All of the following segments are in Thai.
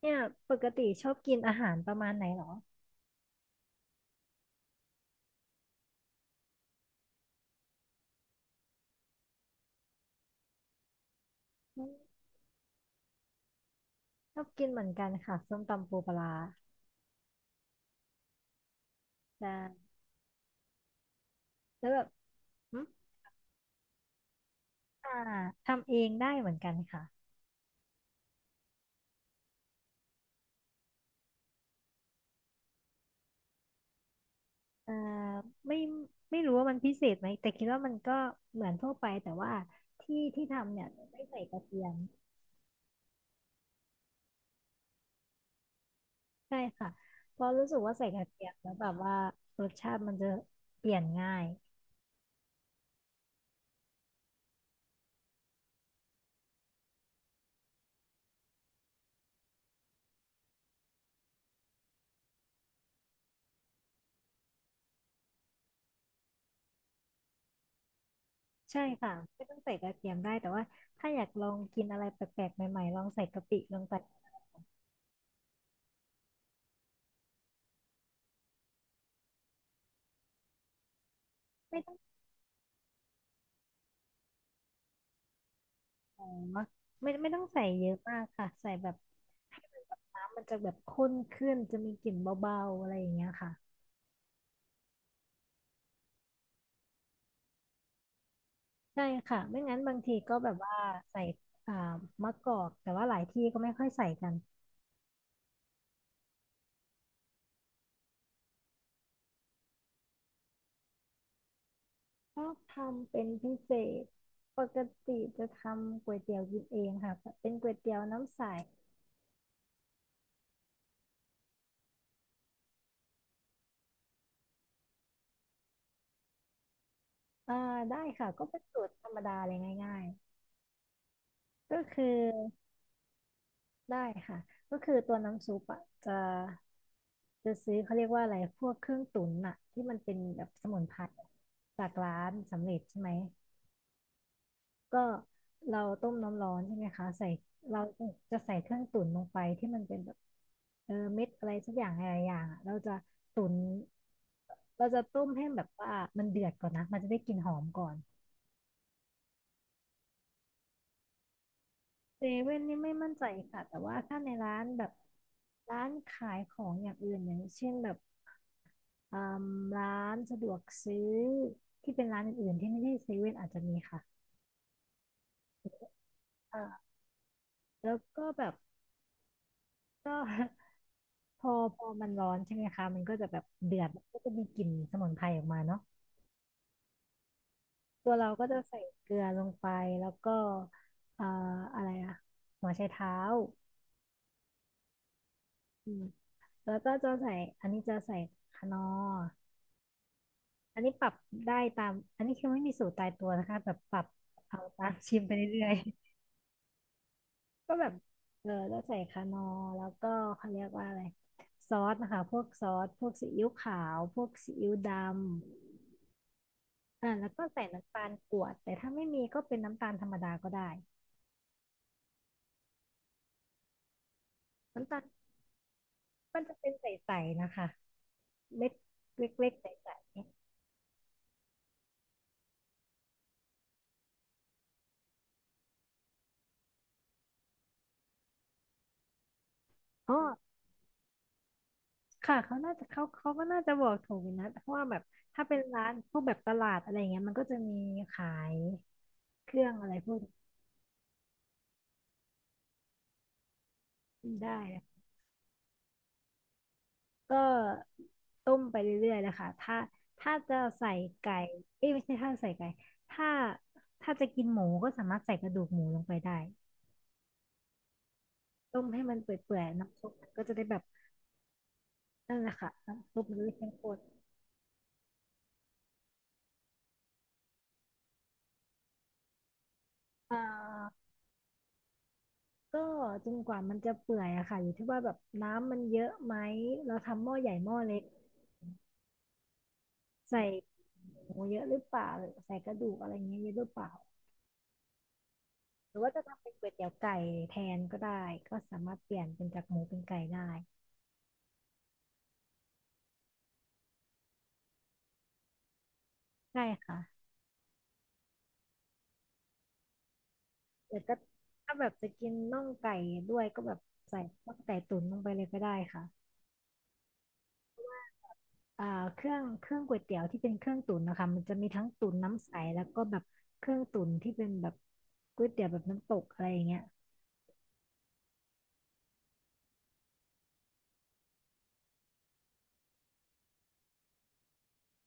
เนี่ยปกติชอบกินอาหารประมาณไหนเหรออืมชอบกินเหมือนกันค่ะส้มตำปูปลาร้าแต่แล้วแบบอมอ่าทำเองได้เหมือนกันค่ะเอ่อไม่ไม่รู้ว่ามันพิเศษไหมแต่คิดว่ามันก็เหมือนทั่วไปแต่ว่าที่ที่ทำเนี่ยไม่ใส่กระเทียมใช่ค่ะเพราะรู้สึกว่าใส่กระเทียมแล้วแบบว่ารสชาติมันจะเปลี่ยนง่ายใช่ค่ะไม่ต้องใส่กระเทียมได้แต่ว่าถ้าอยากลองกินอะไรแปลกๆใหม่ๆลองใส่กะปิลงไป ไมไม่ต้องใส่เยอะมากค่ะใส่แบบให้มันแบบน้ำมันจะแบบข้นขึ้นจะมีกลิ่นเบาๆอะไรอย่างเงี้ยค่ะใช่ค่ะไม่งั้นบางทีก็แบบว่าใส่อ่ามะกอกแต่ว่าหลายที่ก็ไม่ค่อยใส่กันชอบทำเป็นพิเศษปกติจะทำก๋วยเตี๋ยวกินเองค่ะเป็นก๋วยเตี๋ยวน้ำใสอ่าได้ค่ะก็เป็นสูตรธรรมดาเลยง่ายๆก็คือได้ค่ะก็คือตัวน้ำซุปอะจะ ซื้อเขาเรียกว่าอะไรพวกเครื่องตุ๋นอะที่มันเป็นแบบสมุนไพรจากร้านสำเร็จใช่ไหมก็เราต้มน้ำร้อนใช่ไหมคะใส่เราจะใส่เครื่องตุ๋นลงไปที่มันเป็นแบบเม็ดอะไรสักอย่างอะไรอย่างอะเราจะตุ๋นเราจะต้มให้แบบว่ามันเดือดก่อนนะมันจะได้กลิ่นหอมก่อนเซเว่นนี่ไม่มั่นใจค่ะแต่ว่าถ้าในร้านแบบร้านขายของอย่างอื่นอย่างเช่นแบบ อมร้านสะดวกซื้อที่เป็นร้านอื่นๆที่ไม่ใช่เซเว่นอาจจะมีค่ะอ่าแล้วก็แบบก็ พอมันร้อนใช่ไหมคะมันก็จะแบบเดือดมันก็จะมีกลิ่นสมุนไพรออกมาเนาะตัวเราก็จะใส่เกลือลงไปแล้วก็เอ่ออะไรอะหัวไชเท้าอืมแล้วก็จะใส่อันนี้จะใส่คนนอร์อันนี้ปรับได้ตามอันนี้คือไม่มีสูตรตายตัวนะคะแบบปรับเอาตาม ชิมไปเรื่อย ก็แบบก็ใส่คานอร์แล้วก็เขาเรียกว่าอะไรซอสนะคะพวกซอสพวกซีอิ๊วขาวพวกซีอิ๊วดำแล้วก็ใส่น้ำตาลกวดแต่ถ้าไม่มีก็เป็นน้ำตาลธรรมดาก็ได้น้ำตาลมันจะเป็นใสๆนะคะเม็ดเล็กๆใสๆอ๋อค่ะเขาน่าจะเขาก็น่าจะบอกถูกอยู่นะเพราะว่าแบบถ้าเป็นร้านพวกแบบตลาดอะไรเงี้ยมันก็จะมีขายเครื่องอะไรพวกนี้ได้ ก็ต้มไปเรื่อยๆนะคะถ้าจะใส่ไก่เอ้ยไม่ใช่ถ้าใส่ไก่ถ้าถ้าจะกินหมูก็สามารถใส่กระดูกหมูลงไปได้ต้มให้มันเปื่อยๆน้ำซุปมันก็จะได้แบบนั่นแหละค่ะน้ำซุปมันจะได้เข้มข้นอ่าก็จนกว่ามันจะเปื่อยอะค่ะอยู่ที่ว่าแบบน้ำมันเยอะไหมเราทำหม้อใหญ่หม้อเล็กใส่หมูเยอะหรือเปล่าหรือใส่กระดูกอะไรเงี้ยเยอะหรือเปล่าหรือว่าจะทำเป็นก๋วยเตี๋ยวไก่แทนก็ได้ก็สามารถเปลี่ยนเป็นจากหมูเป็นไก่ได้ ใช่ค่ะแต่ก็ถ้าแบบจะกินน่องไก่ด้วยก็แบบใส่น่องไก่ตุ๋นลงไปเลยก็ได้ค่ะอ่าเครื่องก๋วยเตี๋ยวที่เป็นเครื่องตุ๋นนะคะมันจะมีทั้งตุ๋นน้ำใสแล้วก็แบบเครื่องตุ๋นที่เป็นแบบก๋วยเตี๋ยวแบบน้ำตกอะไรอย่างเงี้ย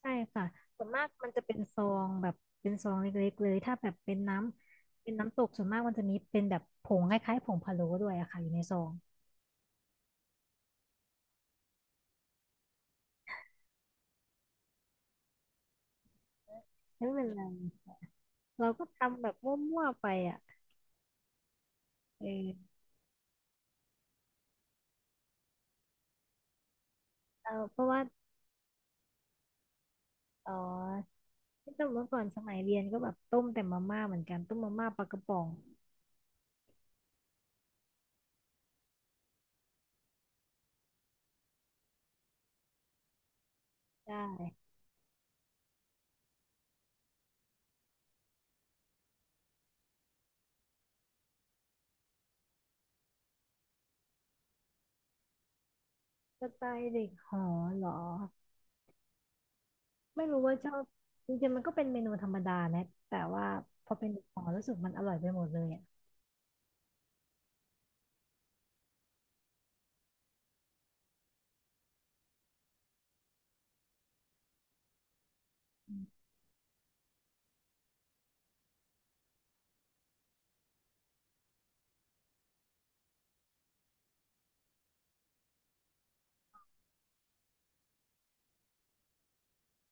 ใช่ค่ะส่วนมากมันจะเป็นซองแบบเป็นซองเล็กๆเลยถ้าแบบเป็นน้ำเป็นน้ำตกส่วนมากมันจะมีเป็นแบบผงคล้ายๆผงพะโล้ด้วยอะค่ะอยู่ในซองไม่เป็นไรเราก็ทำแบบมั่วๆไปอะเออเออเพราะว่าอ๋อ แต่เมื่อก่อนสมัยเรียนก็แบบต้มแต่มาม่าเหมือนกันต้มมาม่าปลากระป๋องได้สไตล์เด็กหอเหรอไม่รู้ว่าชอบจริงๆมันก็เป็นเมนูธรรมดานะแต่ว่าพอเป็นเด็กหอรู้สึกมันอร่อยไปหมดเลยอ่ะ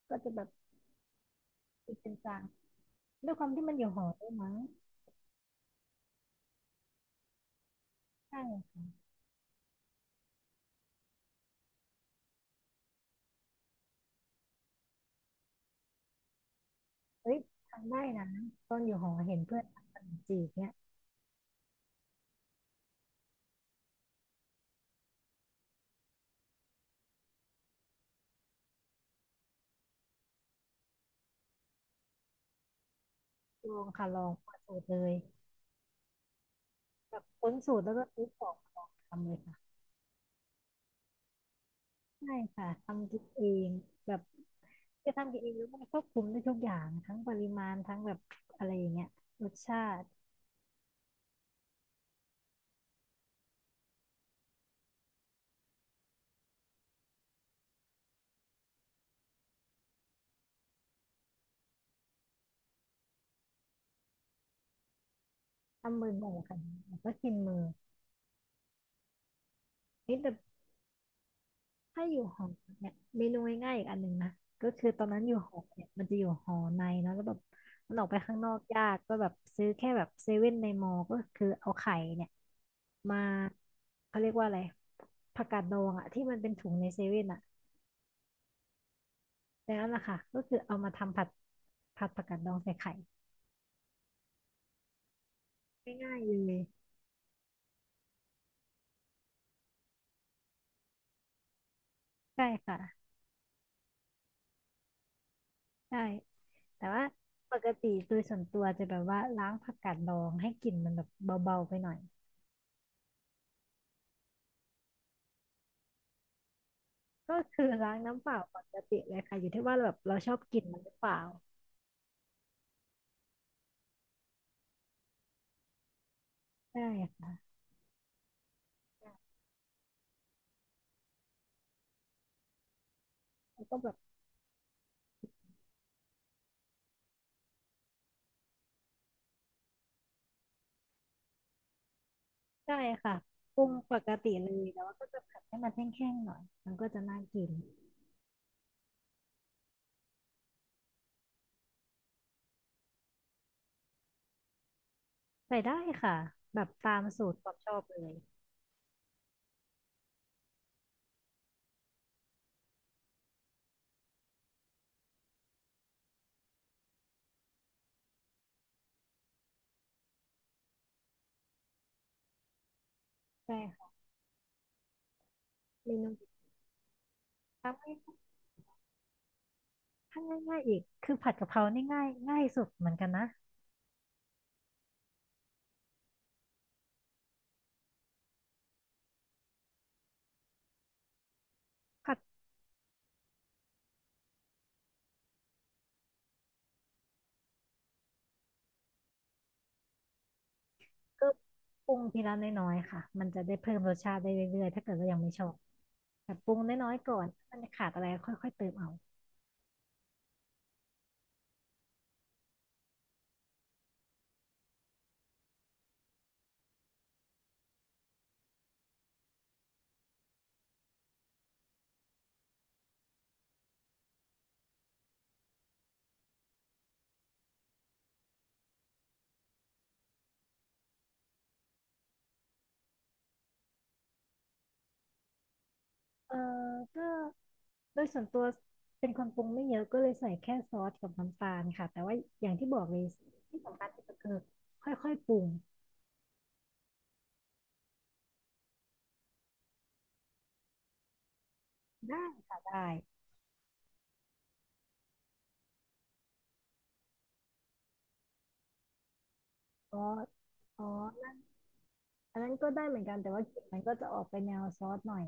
ก็จะแบบติดเป็นจางด้วยความที่มันอยู่หอด้วยมั้งใช่เฮ้ยทำได้นะตอนอยู่หอเห็นเพื่อนทำขนมจีบเนี่ยลองค่ะลองเปิดสูตรเลยแบบค้นสูตรแล้วก็ซื้อของมาลองทำเลยค่ะ ใช่ค่ะทำกินเองแบบจะทำกินเองแล้วมันควบคุมได้ทุกอย่างทั้งปริมาณทั้งแบบอะไรอย่างเงี้ยรสชาติทำบ่อยๆค่ะแล้วก็กินมือเฮ้ยแต่ถ้าอยู่หอเนี่ยเมนูง่ายๆอีกอันหนึ่งนะก็คือตอนนั้นอยู่หอเนี่ยมันจะอยู่หอในเนาะแล้วแบบมันออกไปข้างนอกยากก็แบบซื้อแค่แบบเซเว่นในมอก็คือเอาไข่เนี่ยมาเขาเรียกว่าอะไรผักกาดดองอะที่มันเป็นถุงในเซเว่นอะ แล้วล่ะค่ะก็คือเอามาทำผัดผัดผักกาดดองใส่ไข่ง่ายๆเลยใช่ค่ะใช่แต่ว่าปกติโดยส่วนตัวจะแบบว่าล้างผักกาดดองให้กลิ่นมันแบบเบาๆไปหน่อยก็คือล้างน้ำเปล่าปกติเลยค่ะอยู่ที่ว่าเราแบบเราชอบกลิ่นมันหรือเปล่าใช่ค่ะแล้วก็แบบใช่ค่ะปรุงปกติเลยแต่ว่าก็จะผัดให้มันแห้งๆหน่อยมันก็จะน่ากินใส่ได้ค่ะแบบตามสูตรความชอบเลยใช่ค่ะเมนูทำง่าย ถ้าง่ายๆอีกคือผัดกะเพรานี่ง่ายง่ายสุดเหมือนกันนะผัดก็ปรุงทีละน้อยๆค่ะมันจะได้เพิ่มรสชาติได้เรื่อยๆถ้าเกิดว่ายังไม่ชอบแต่ปรุงน้อยๆก่อนมันขาดอะไรค่อยๆเติมเอาเออก็โดยส่วนตัวเป็นคนปรุงไม่เยอะก็เลยใส่แค่ซอสกับน้ำตาลค่ะแต่ว่าอย่างที่บอกเลยที่สำคัญที่สุดคือค่อยๆปรุงได้ค่ะได้ซอสซอสอันนั้นก็ได้เหมือนกันแต่ว่ากลิ่นมันก็จะออกไปแนวซอสหน่อย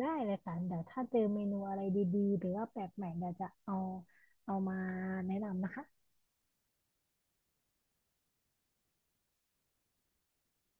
ได้เลยค่ะเดี๋ยวถ้าเจอเมนูอะไรดีๆหรือว่าแปลกใหม่เดี๋ยวจะเอาเอามาแนะนำนะคะ